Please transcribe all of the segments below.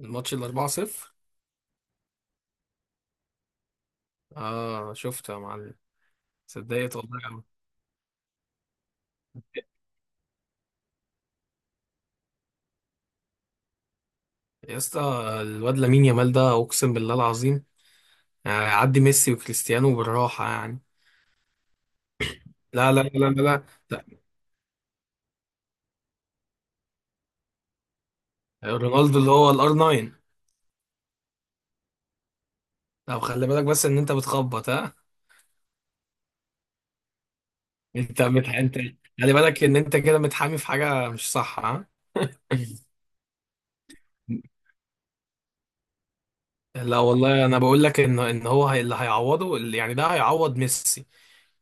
الماتش ال 4-0. اه شفته يا معلم. صدقت والله أوي. يا اسطى الواد لامين يامال ده اقسم بالله العظيم، يعني عدي ميسي وكريستيانو بالراحه يعني. لا لا لا لا لا, لا. رونالدو اللي هو الار 9. طب خلي بالك بس ان انت بتخبط ها. انت خلي بالك ان انت كده متحامي في حاجه مش صح ها. لا والله انا بقول لك ان هو اللي هيعوضه يعني ده هيعوض ميسي.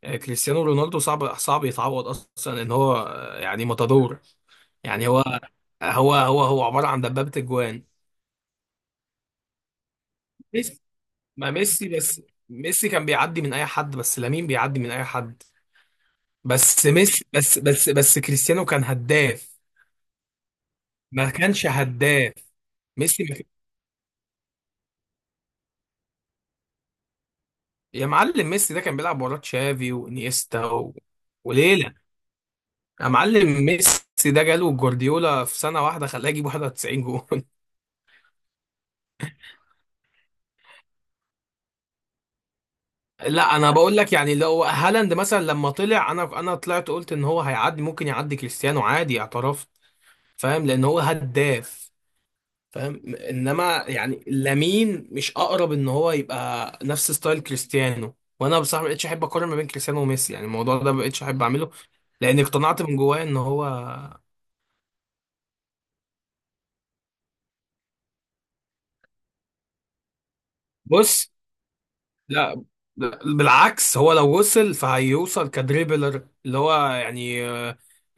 كريستيانو رونالدو صعب صعب يتعوض اصلا، ان هو يعني ماتادور. يعني هو عبارة عن دبابة اجوان. ميسي، ما ميسي بس، ميسي كان بيعدي من اي حد بس لامين بيعدي من اي حد. بس ميسي بس بس بس كريستيانو كان هداف. ما كانش هداف. ميسي ما كان- يا معلم ميسي ده كان بيلعب وراه تشافي وانيستا و... وليلة. يا معلم ميسي ده جاله جوارديولا في سنة واحدة خلاه يجيب 91 جون. لا انا بقول لك يعني لو هالاند مثلا لما طلع انا طلعت قلت ان هو هيعدي، ممكن يعدي كريستيانو عادي اعتراف. فاهم لان هو هداف. فاهم انما يعني لامين مش اقرب ان هو يبقى نفس ستايل كريستيانو، وانا بصراحه ما بقتش احب اقارن ما بين كريستيانو وميسي. يعني الموضوع ده ما بقتش احب اعمله لان اقتنعت من جوايا ان هو... بص. لا بالعكس، هو لو وصل فهيوصل كدريبلر اللي هو يعني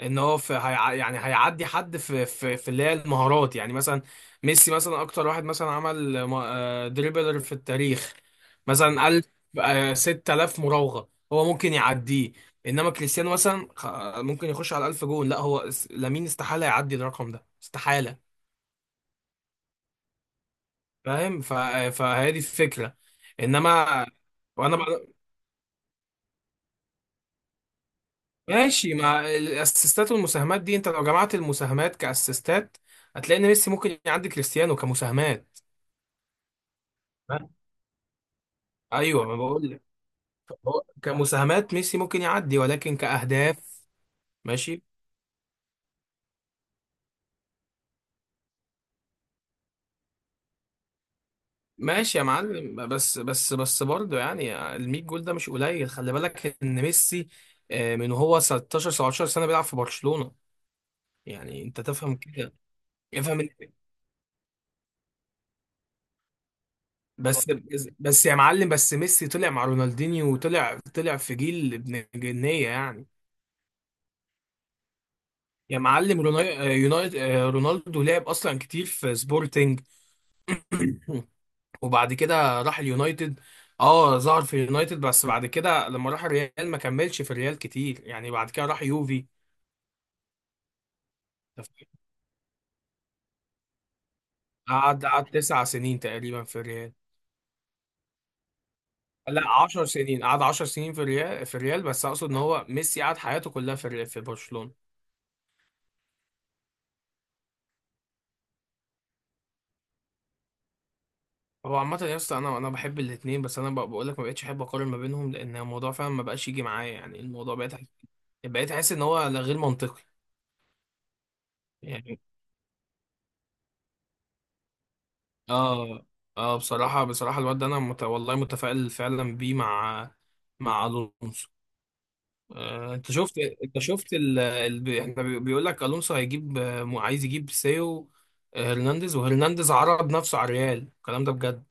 ان هو يعني هيعدي حد في اللي هي المهارات. يعني مثلا ميسي مثلا اكتر واحد مثلا عمل دريبلر في التاريخ. مثلا قال 6000 مراوغة هو ممكن يعديه. انما كريستيانو مثلا ممكن يخش على 1000 جون. لا هو اس- لامين استحالة يعدي الرقم ده، استحالة. فاهم ف... فهي دي الفكرة. انما وانا بقى... ماشي. مع الاسيستات والمساهمات دي انت لو جمعت المساهمات كاسيستات هتلاقي ان ميسي ممكن يعدي كريستيانو كمساهمات. ايوه، ما بقول لك. هو كمساهمات ميسي ممكن يعدي، ولكن كاهداف ماشي. ماشي يا معلم، بس برضه يعني ال 100 جول ده مش قليل. خلي بالك ان ميسي من هو 16 17 سنه بيلعب في برشلونه، يعني انت تفهم كده. افهم ال- بس بس يا معلم، بس ميسي طلع مع رونالدينيو وطلع في جيل ابن جنيه يعني. يا معلم رونالدو لعب اصلا كتير في سبورتنج. وبعد كده راح اليونايتد. اه ظهر في اليونايتد، بس بعد كده لما راح الريال ما كملش في الريال كتير، يعني بعد كده راح يوفي. قعد تسع سنين تقريبا في الريال. لا، عشر سنين. قعد عشر سنين في الريال، في الريال. بس اقصد ان هو ميسي قعد حياته كلها في الريال في برشلونة. هو عامة يا اسطى انا بحب الاثنين، بس انا بقول لك ما بقتش احب اقارن ما بينهم لان الموضوع فعلا ما بقاش يجي معايا. يعني الموضوع بقيت احس ان هو لا، غير منطقي يعني. اه. اه بصراحة بصراحة الواد ده انا والله متفائل فعلا بيه، مع مع الونسو. آه انت شفت. انت شفت احنا بيقول لك الونسو هيجيب عايز يجيب سيو هرنانديز، وهرنانديز عرض نفسه على الريال الكلام ده بجد.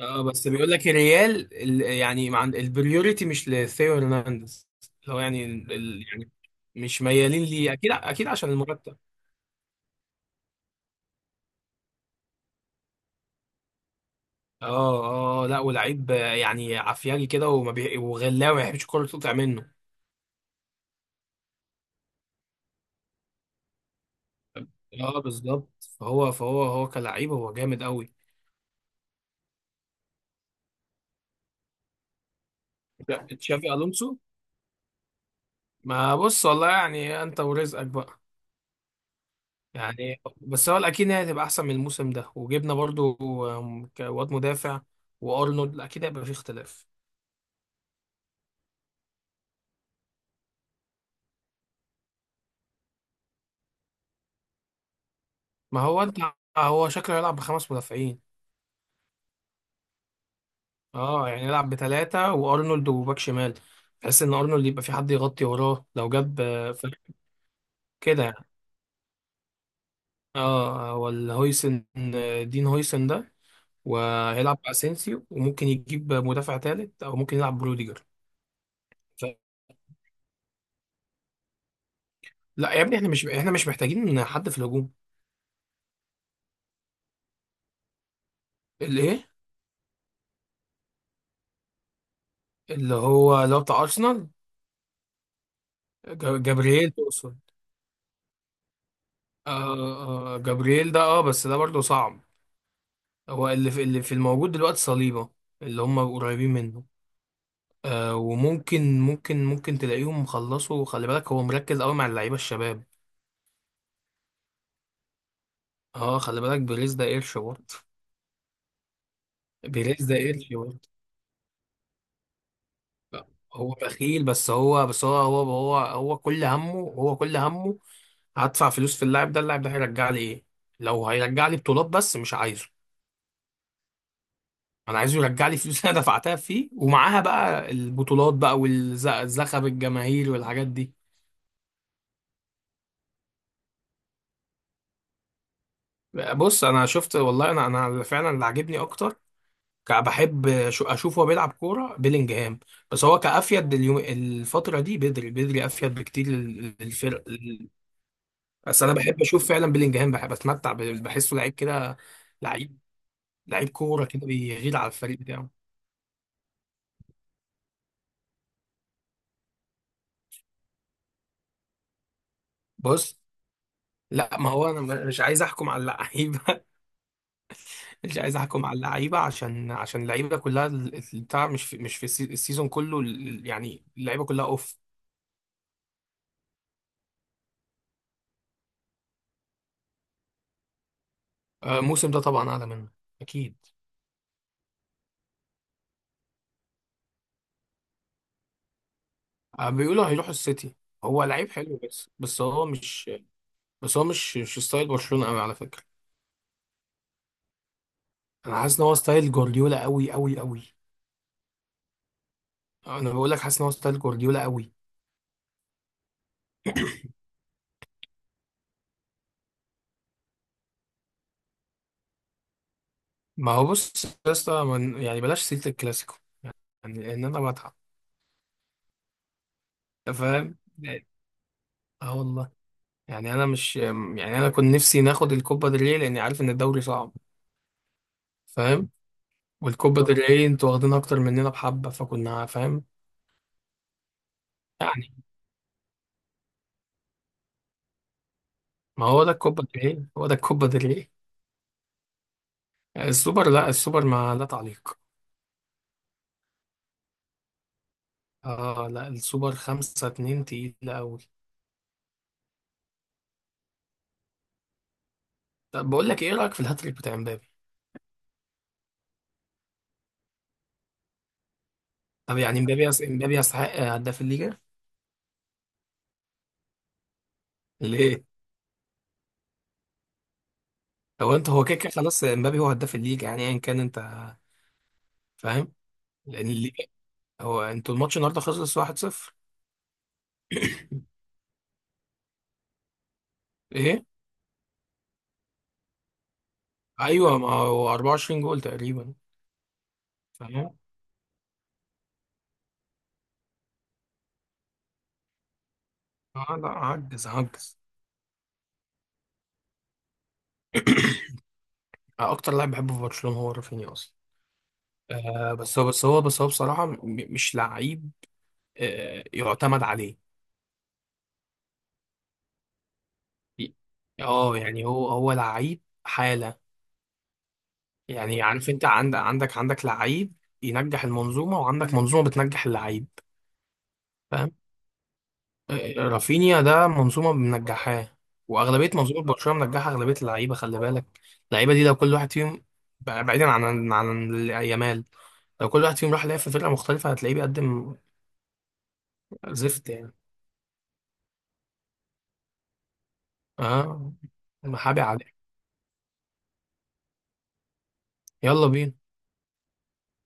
اه بس بيقول لك الريال يعني مع البريوريتي مش لثيو هرنانديز. اللي هو يعني يعني مش ميالين ليه، اكيد اكيد عشان المرتب. اه لا ولعيب يعني عفياجي كده وغلاوي ما يحبش الكوره تقطع منه. اه بالظبط. فهو هو كلعيب هو جامد قوي. لا، تشافي الونسو ما بص. والله يعني انت ورزقك بقى يعني، بس هو الاكيد هي هتبقى احسن من الموسم ده، وجبنا برضو واد مدافع. وارنولد اكيد هيبقى في اختلاف. ما هو انت، هو شكله يلعب بخمس مدافعين. اه يعني يلعب بثلاثة وارنولد وباك شمال، بحيث ان ارنولد يبقى في حد يغطي وراه لو جاب فرق كده يعني. اه، ولا هويسن، دين هويسن ده، وهيلعب باسينسيو، وممكن يجيب مدافع ثالث او ممكن يلعب بروديجر. ف- لا يا ابني، احنا مش، احنا مش محتاجين حد في الهجوم. اللي ايه. اللي هو بتاع ارسنال. جابرييل تقصد. آه. آه جابرييل ده، اه بس ده برضه صعب. هو اللي في، اللي في الموجود دلوقتي صليبه، اللي هم قريبين منه. آه، وممكن ممكن ممكن تلاقيهم خلصوا. خلي بالك هو مركز قوي مع اللعيبه الشباب. اه خلي بالك بيريز ده قرش برضه. بيريز ده قرش برضه. لا، هو بخيل، بس هو كل همه، هدفع فلوس في اللاعب ده، اللاعب ده هيرجع لي ايه؟ لو هيرجع لي بطولات بس، مش عايزه. انا عايزه يرجع لي فلوس. انا دفعتها فيه ومعاها بقى البطولات بقى والزخب الجماهير والحاجات دي. بص انا شفت والله، انا فعلا اللي عاجبني اكتر بحب اشوفه هو بيلعب كوره بيلينجهام. بس هو كافيد اليوم الفتره دي بدري. بدري افيد بكتير للفرق. بس انا بحب اشوف فعلا بيلينجهام، بحب اتمتع بحسه لعيب كده، لعيب لعيب كوره كده بيغير على الفريق بتاعه. بص، لا ما هو انا مش عايز احكم على اللعيبه. مش عايز احكم على اللعيبه عشان اللعيبه كلها بتاع مش في، مش في السيزون كله يعني اللعيبه كلها اوف. الموسم ده طبعا اعلى منه، اكيد. بيقولوا هيروحوا السيتي. هو لعيب حلو بس، بس هو مش مش ستايل برشلونه قوي على فكره. انا حاسس ان هو ستايل جوارديولا قوي قوي قوي. انا بقول لك، حاسس ان هو ستايل جوارديولا قوي. ما هو بص يا اسطى يعني بلاش سيره الكلاسيكو يعني، لان انا بتعب. أنت فاهم. اه والله، يعني انا مش، يعني انا كنت نفسي ناخد الكوبا ديل ري لاني عارف ان الدوري صعب. فاهم. والكوبا ديل ري انتوا واخدينها اكتر مننا بحبه، فكنا فاهم يعني. ما هو ده الكوبا ديل ري، هو ده الكوبا ديل ري. السوبر؟ لا السوبر ما لا تعليق. اه لا السوبر خمسة اتنين تقيلة أوي. طب بقول لك ايه رأيك في الهاتريك بتاع امبابي؟ طب يعني امبابي امبابي يستحق هداف الليجا. ليه؟ هو انت هو كده كده خلاص، امبابي هو هداف الليجا يعني ايا كان، انت فاهم، لان الليجا. هو انتوا الماتش النهارده خلص 1-0؟ ايه؟ ايوه ما هو 24 جول تقريبا. فاهم. آه لا، عجز عجز. اكتر لاعب بحبه في برشلونة هو رافينيا اصلا. آه بس هو بصراحة مش لعيب آه يعتمد عليه. اه يعني هو لعيب حالة يعني. عارف انت عندك لعيب ينجح المنظومة، وعندك منظومة بتنجح اللعيب. فاهم؟ رافينيا ده منظومة منجحاه. وأغلبية منظومة، آه. برشلونة منجحة أغلبية اللعيبة، خلي بالك اللعيبة دي لو كل واحد فيهم، بعيدا عن يامال، لو كل واحد فيهم راح لعب في فرقة مختلفة، هتلاقيه بيقدم زفت يعني. اه محابي عليه. يلا بينا.